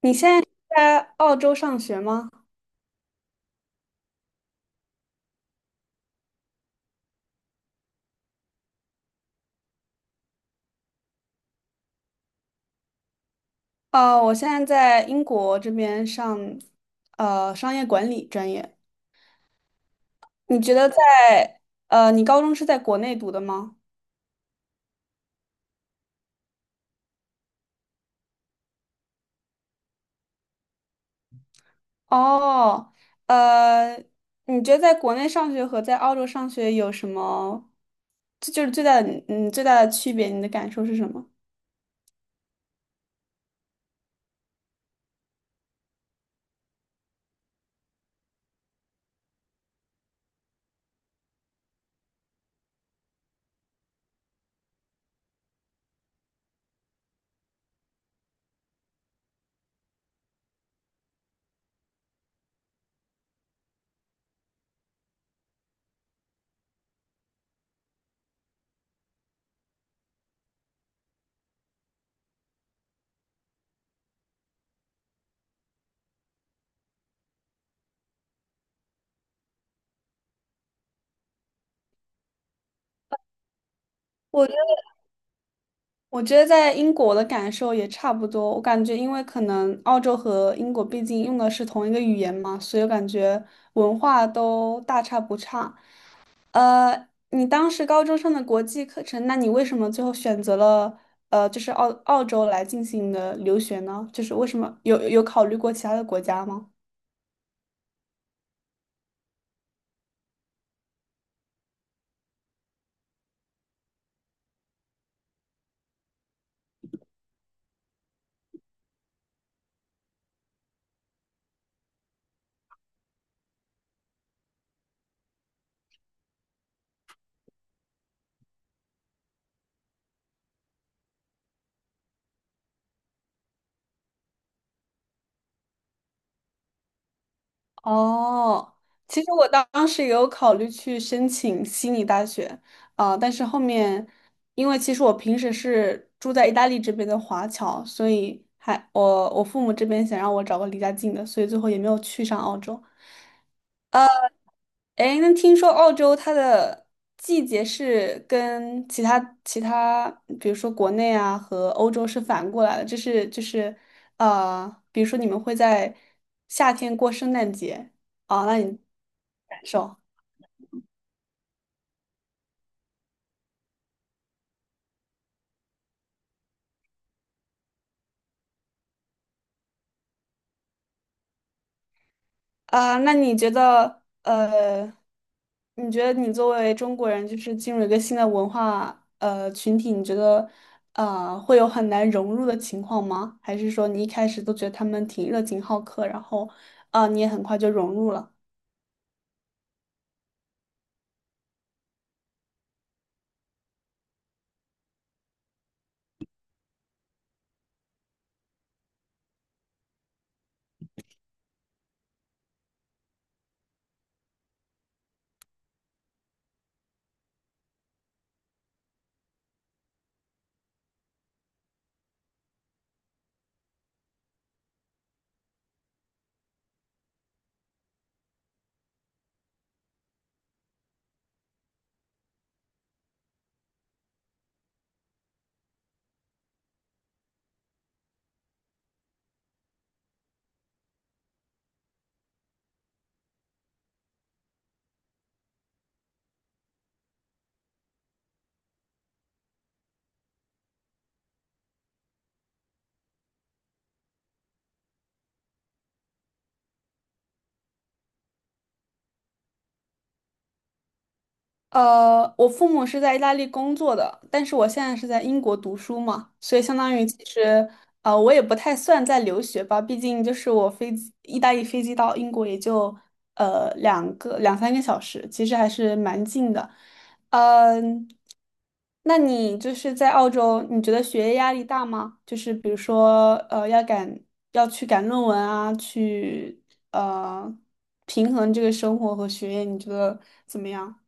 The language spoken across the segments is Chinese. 你现在在澳洲上学吗？哦，我现在在英国这边上，商业管理专业。你觉得在，你高中是在国内读的吗？哦，呃，你觉得在国内上学和在澳洲上学有什么，这就是最大的，嗯，最大的区别，你的感受是什么？我觉得。我觉得在英国的感受也差不多，我感觉因为可能澳洲和英国毕竟用的是同一个语言嘛，所以我感觉文化都大差不差。你当时高中上的国际课程，那你为什么最后选择了就是澳洲来进行的留学呢？就是为什么有考虑过其他的国家吗？哦，其实我当时也有考虑去申请悉尼大学啊，但是后面，因为其实我平时是住在意大利这边的华侨，所以还我父母这边想让我找个离家近的，所以最后也没有去上澳洲。哎，那听说澳洲它的季节是跟其他,比如说国内啊和欧洲是反过来的，就是,比如说你们会在夏天过圣诞节啊，那你感受？啊，那你觉得，你觉得你作为中国人，就是进入一个新的文化群体，你觉得会有很难融入的情况吗？还是说你一开始都觉得他们挺热情好客，然后啊，你也很快就融入了？我父母是在意大利工作的，但是我现在是在英国读书嘛，所以相当于其实，我也不太算在留学吧，毕竟就是我飞机，意大利飞机到英国也就两三个小时，其实还是蛮近的。嗯，那你就是在澳洲，你觉得学业压力大吗？就是比如说，要去赶论文啊，去呃平衡这个生活和学业，你觉得怎么样？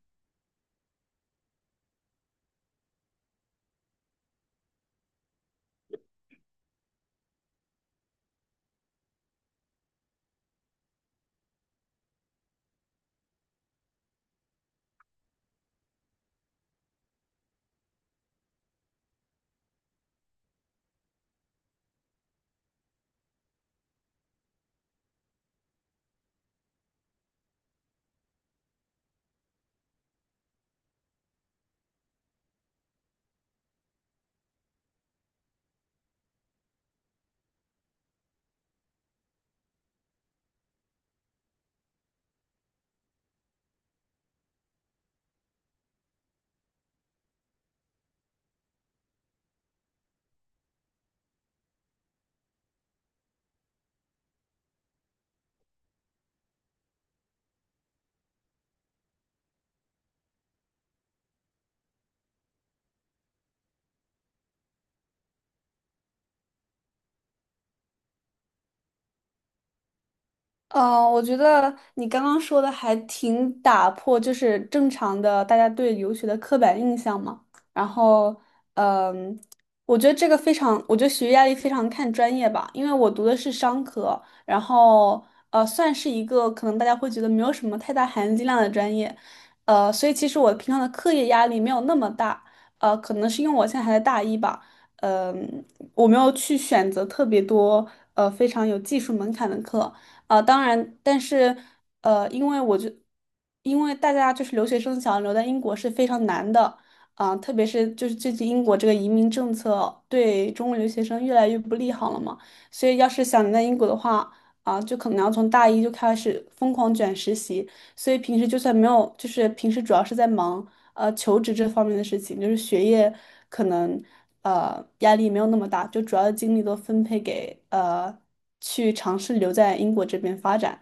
嗯，我觉得你刚刚说的还挺打破，就是正常的大家对留学的刻板印象嘛。然后，嗯，我觉得学业压力非常看专业吧，因为我读的是商科，然后算是一个可能大家会觉得没有什么太大含金量的专业，所以其实我平常的课业压力没有那么大，可能是因为我现在还在大一吧，嗯，我没有去选择特别多非常有技术门槛的课。啊，当然，但是呃，因为我就，因为大家就是留学生想留在英国是非常难的，啊、特别是就是最近英国这个移民政策对中国留学生越来越不利好了嘛，所以要是想留在英国的话，啊、就可能要从大一就开始疯狂卷实习，所以平时就算没有，就是平时主要是在忙。求职这方面的事情，就是学业可能压力没有那么大，就主要的精力都分配给去尝试留在英国这边发展。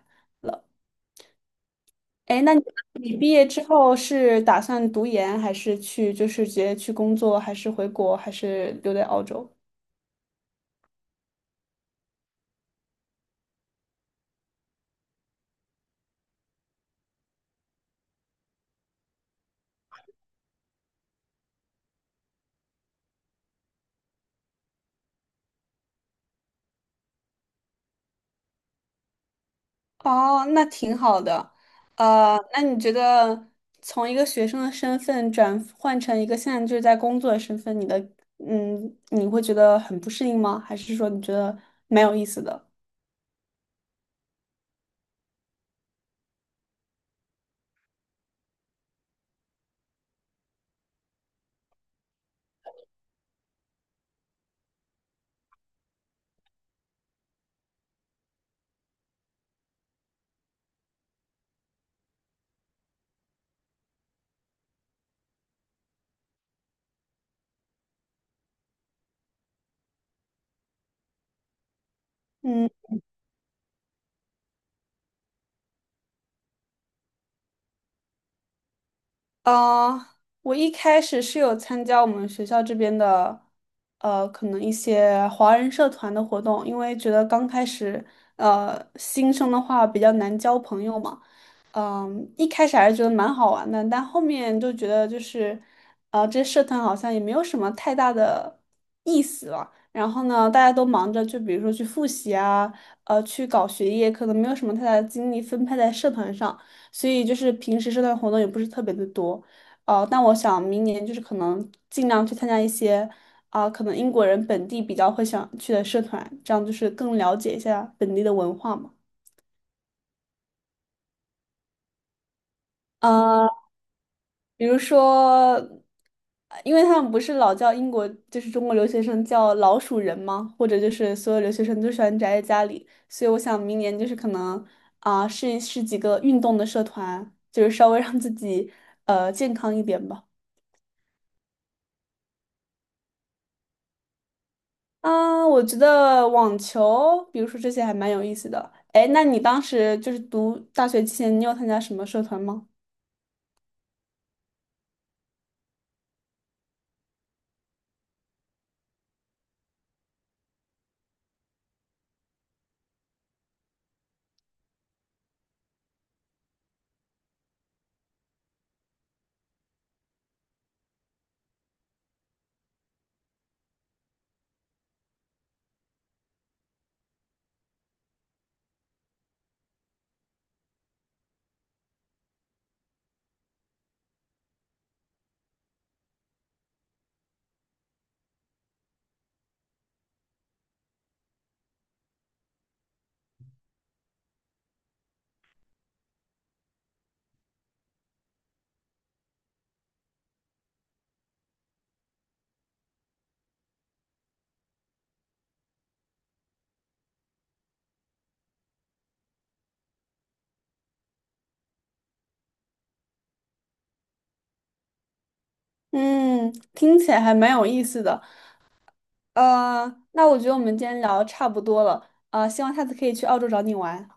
哎，那你你毕业之后是打算读研，还是去就是直接去工作，还是回国，还是留在澳洲？哦，那挺好的。那你觉得从一个学生的身份转换成一个现在就是在工作的身份，你的嗯，你会觉得很不适应吗？还是说你觉得蛮有意思的？嗯。呃，我一开始是有参加我们学校这边的，可能一些华人社团的活动，因为觉得刚开始，新生的话比较难交朋友嘛，嗯、一开始还是觉得蛮好玩的，但后面就觉得就是，这社团好像也没有什么太大的意思了。然后呢，大家都忙着，就比如说去复习啊，去搞学业，可能没有什么太大的精力分配在社团上。所以就是平时社团活动也不是特别的多，但我想明年就是可能尽量去参加一些，啊、可能英国人本地比较会想去的社团，这样就是更了解一下本地的文化嘛。呃，比如说,因为他们不是老叫英国就是中国留学生叫老鼠人吗？或者就是所有留学生都喜欢宅在家里，所以我想明年就是可能啊、试一试几个运动的社团，就是稍微让自己健康一点吧。嗯，我觉得网球，比如说这些还蛮有意思的。哎，那你当时就是读大学期间，你有参加什么社团吗？嗯，听起来还蛮有意思的。那我觉得我们今天聊得差不多了。希望下次可以去澳洲找你玩。